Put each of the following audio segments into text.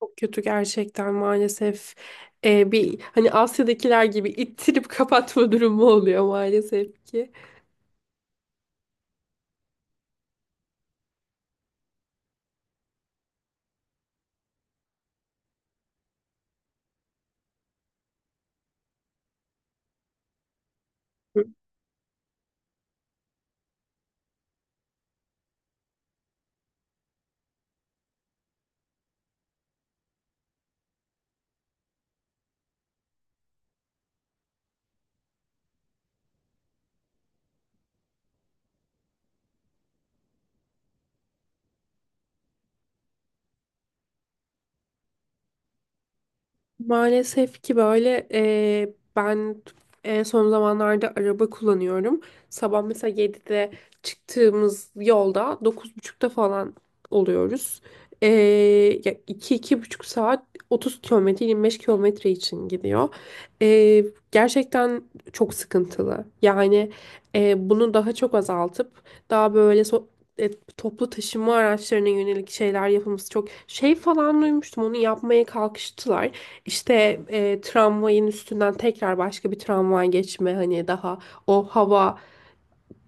Çok kötü gerçekten maalesef. Bir hani Asya'dakiler gibi ittirip kapatma durumu oluyor maalesef ki. Maalesef ki böyle ben en son zamanlarda araba kullanıyorum. Sabah mesela 7'de çıktığımız yolda 9.30'da falan oluyoruz. Ya iki iki buçuk saat 30 kilometre 25 kilometre için gidiyor. Eee, gerçekten çok sıkıntılı. Yani bunu daha çok azaltıp daha böyle e, toplu taşıma araçlarına yönelik şeyler yapılması çok şey falan duymuştum, onu yapmaya kalkıştılar. İşte tramvayın üstünden tekrar başka bir tramvay geçme, hani daha o hava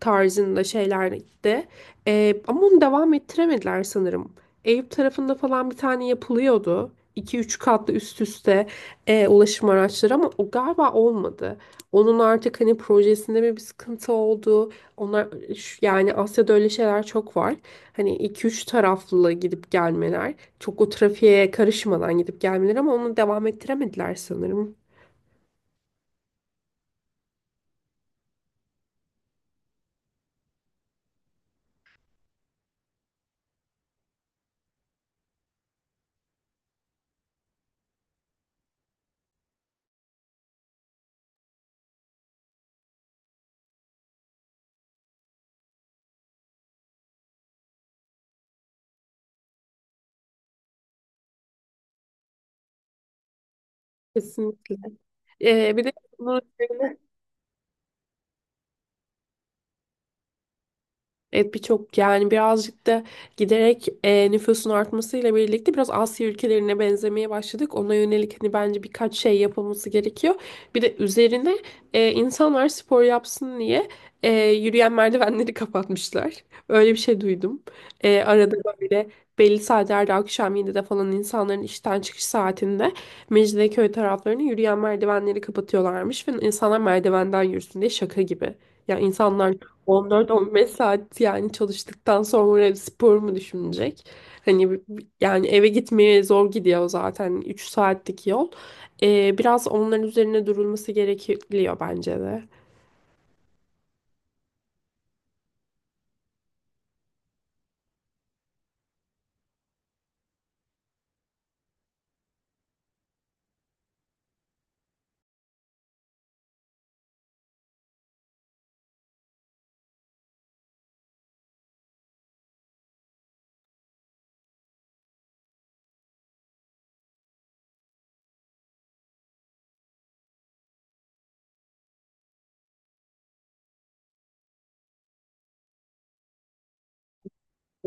tarzında şeyler de. Ama onu devam ettiremediler sanırım. Eyüp tarafında falan bir tane yapılıyordu. İki üç katlı üst üste ulaşım araçları, ama o galiba olmadı. Onun artık hani projesinde mi bir sıkıntı oldu? Onlar yani Asya'da öyle şeyler çok var. Hani iki üç taraflı gidip gelmeler, çok o trafiğe karışmadan gidip gelmeler, ama onu devam ettiremediler sanırım. Kesinlikle. Bir de evet, birçok yani birazcık da giderek nüfusun artmasıyla birlikte biraz Asya ülkelerine benzemeye başladık. Ona yönelik hani bence birkaç şey yapılması gerekiyor. Bir de üzerine insanlar spor yapsın diye yürüyen merdivenleri kapatmışlar. Öyle bir şey duydum. Arada böyle belli saatlerde akşam 7'de falan insanların işten çıkış saatinde Mecidiyeköy taraflarını yürüyen merdivenleri kapatıyorlarmış ve insanlar merdivenden yürüsün diye, şaka gibi. Ya insanlar 14-15 saat yani çalıştıktan sonra spor mu düşünecek? Hani yani eve gitmeye zor gidiyor zaten, 3 saatlik yol. Biraz onların üzerine durulması gerekiyor bence de.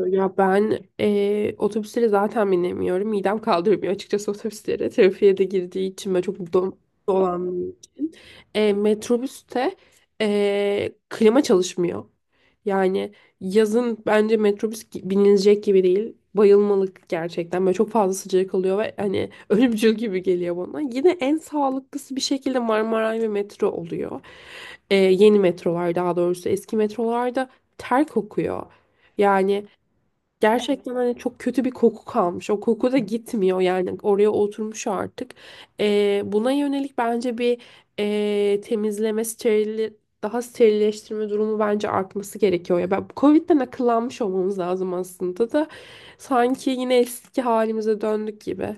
Ya ben otobüslere zaten binemiyorum. Midem kaldırmıyor açıkçası otobüslere. Trafiğe de girdiği için ve çok dolandığı için. Metrobüste klima çalışmıyor. Yani yazın bence metrobüs binilecek gibi değil. Bayılmalık gerçekten. Böyle çok fazla sıcak oluyor ve hani ölümcül gibi geliyor bana. Yine en sağlıklısı bir şekilde Marmaray ve metro oluyor. Yeni metrolar, daha doğrusu eski metrolarda ter kokuyor. Yani gerçekten hani çok kötü bir koku kalmış. O koku da gitmiyor yani, oraya oturmuş artık. Buna yönelik bence bir temizleme, steril, daha sterilleştirme durumu bence artması gerekiyor. Ya ben Covid'den akıllanmış olmamız lazım aslında da sanki yine eski halimize döndük gibi.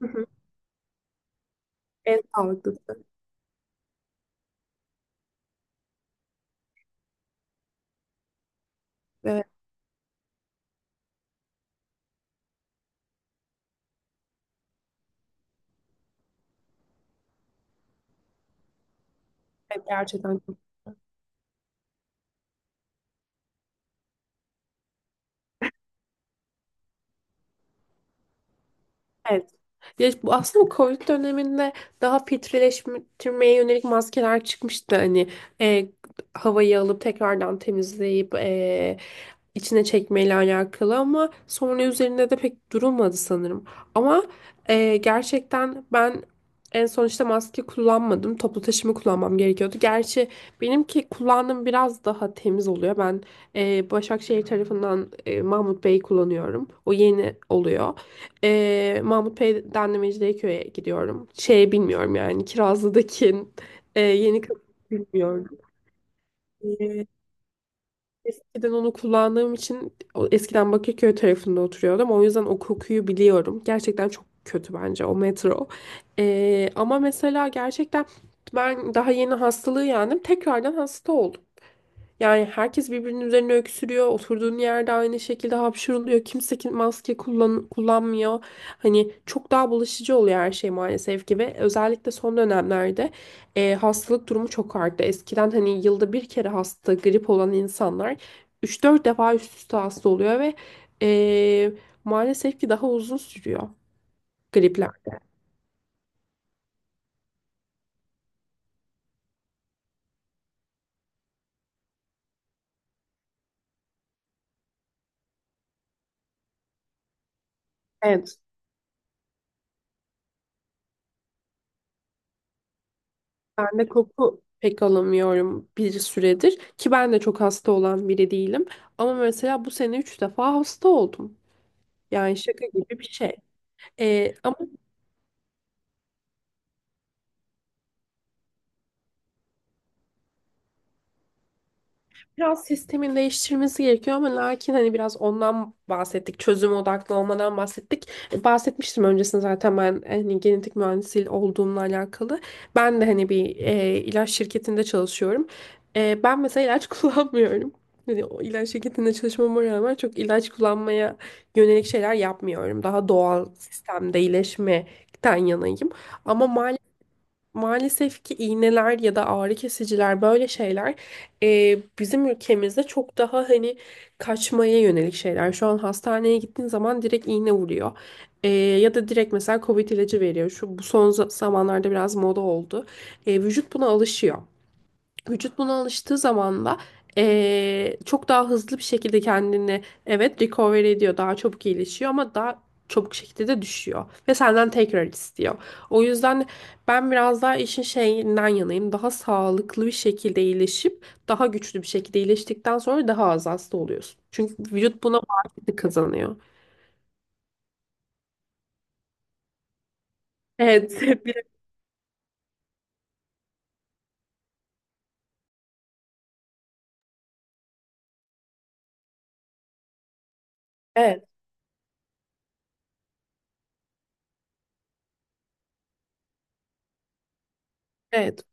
Hı hı. En sağlıklısı. Evet, evet, gerçekten. Evet. Ya bu aslında Covid döneminde daha filtreleştirmeye yönelik maskeler çıkmıştı. Hani e, havayı alıp tekrardan temizleyip içine çekmeyle alakalı, ama sonra üzerinde de pek durulmadı sanırım. Ama gerçekten ben en son işte maske kullanmadım. Toplu taşıma kullanmam gerekiyordu. Gerçi benimki kullandığım biraz daha temiz oluyor. Ben Başakşehir tarafından Mahmut Bey kullanıyorum. O yeni oluyor. Mahmut Bey'den de Mecidiyeköy'e gidiyorum. Şey bilmiyorum yani, Kirazlı'daki yeni kapı, bilmiyorum. Ee, eskiden onu kullandığım için o, eskiden Bakırköy tarafında oturuyordum. O yüzden o kokuyu biliyorum. Gerçekten çok kötü bence o metro. Ama mesela gerçekten ben daha yeni hastalığı yendim, tekrardan hasta oldum. Yani herkes birbirinin üzerine öksürüyor, oturduğun yerde aynı şekilde hapşırılıyor, kimse maske kullanmıyor. Hani çok daha bulaşıcı oluyor her şey maalesef ki, ve özellikle son dönemlerde hastalık durumu çok arttı. Eskiden hani yılda bir kere hasta, grip olan insanlar 3-4 defa üst üste hasta oluyor ve e, maalesef ki daha uzun sürüyor kliplerde. Evet, ben de koku pek alamıyorum bir süredir, ki ben de çok hasta olan biri değilim. Ama mesela bu sene 3 defa hasta oldum. Yani şaka gibi bir şey. Ee, Biraz sistemin değiştirmesi gerekiyor ama lakin hani biraz ondan bahsettik, çözüm odaklı olmadan bahsettik. Bahsetmiştim öncesinde zaten, ben hani genetik mühendisi olduğumla alakalı. Ben de hani bir ilaç şirketinde çalışıyorum. Ben mesela ilaç kullanmıyorum. Hani o ilaç şirketinde çalışmama rağmen çok ilaç kullanmaya yönelik şeyler yapmıyorum. Daha doğal sistemde iyileşmekten yanayım. Ama maalesef ki iğneler ya da ağrı kesiciler böyle şeyler bizim ülkemizde çok daha hani kaçmaya yönelik şeyler. Şu an hastaneye gittiğin zaman direkt iğne vuruyor. Ya da direkt mesela Covid ilacı veriyor. Şu bu son zamanlarda biraz moda oldu. Vücut buna alışıyor. Vücut buna alıştığı zaman da çok daha hızlı bir şekilde kendini, evet, recover ediyor. Daha çabuk iyileşiyor ama daha çabuk şekilde de düşüyor. Ve senden tekrar istiyor. O yüzden ben biraz daha işin şeyinden yanayım. Daha sağlıklı bir şekilde iyileşip daha güçlü bir şekilde iyileştikten sonra daha az hasta oluyorsun, çünkü vücut buna bağışıklık kazanıyor. Evet. Evet. Evet.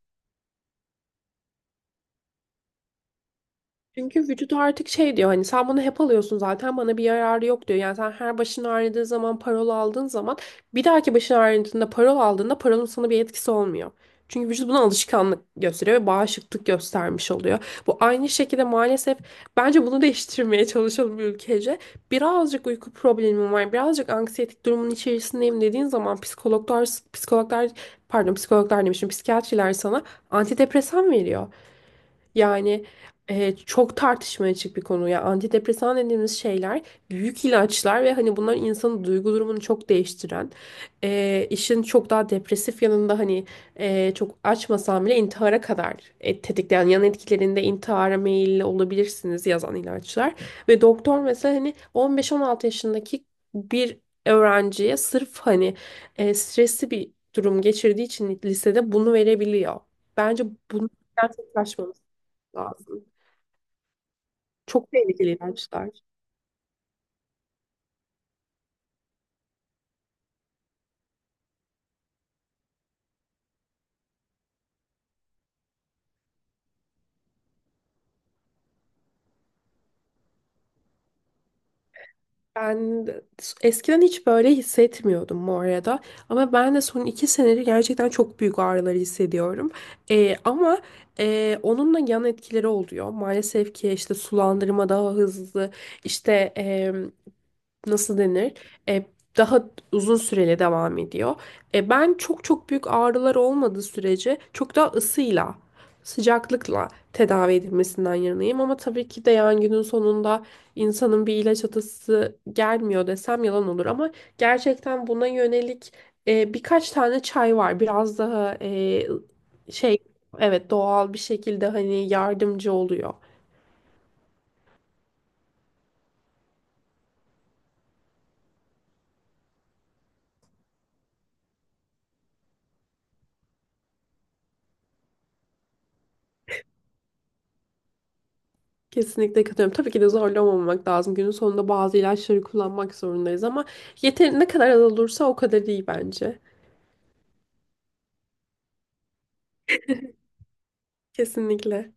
Çünkü vücut artık şey diyor hani, sen bunu hep alıyorsun zaten, bana bir yararı yok diyor. Yani sen her başın ağrıdığı zaman parol aldığın zaman, bir dahaki başın ağrıdığında parol aldığında parolun sana bir etkisi olmuyor. Çünkü vücut buna alışkanlık gösteriyor ve bağışıklık göstermiş oluyor. Bu aynı şekilde maalesef, bence bunu değiştirmeye çalışalım ülkece. Birazcık uyku problemim var, birazcık anksiyetik durumun içerisindeyim dediğin zaman psikologlar, psikologlar pardon, psikologlar demişim, psikiyatriler sana antidepresan veriyor. Yani çok tartışmaya açık bir konu. Ya antidepresan dediğimiz şeyler büyük ilaçlar, ve hani bunlar insanın duygu durumunu çok değiştiren, işin çok daha depresif yanında hani, çok açmasam bile intihara kadar tetikleyen, yan etkilerinde intihara meyilli olabilirsiniz yazan ilaçlar. Ve doktor mesela hani 15-16 yaşındaki bir öğrenciye sırf hani stresli bir durum geçirdiği için lisede bunu verebiliyor. Bence bunu gerçekleşmemiz lazım. Çok tehlikeli ilaçlar. Ben de- Eskiden hiç böyle hissetmiyordum bu arada. Ama ben de son 2 senedir gerçekten çok büyük ağrıları hissediyorum. Ama onun da yan etkileri oluyor. Maalesef ki işte sulandırma daha hızlı, işte nasıl denir? E, daha uzun süreli devam ediyor. Ben çok çok büyük ağrılar olmadığı sürece çok daha ısıyla, sıcaklıkla tedavi edilmesinden yanayım. Ama tabii ki de yani günün sonunda insanın bir ilaç atası gelmiyor desem yalan olur. Ama gerçekten buna yönelik birkaç tane çay var. Biraz daha şey, evet, doğal bir şekilde hani yardımcı oluyor. Kesinlikle katılıyorum. Tabii ki de zorlamamak lazım. Günün sonunda bazı ilaçları kullanmak zorundayız ama yeteri ne kadar az olursa o kadar iyi bence. Kesinlikle.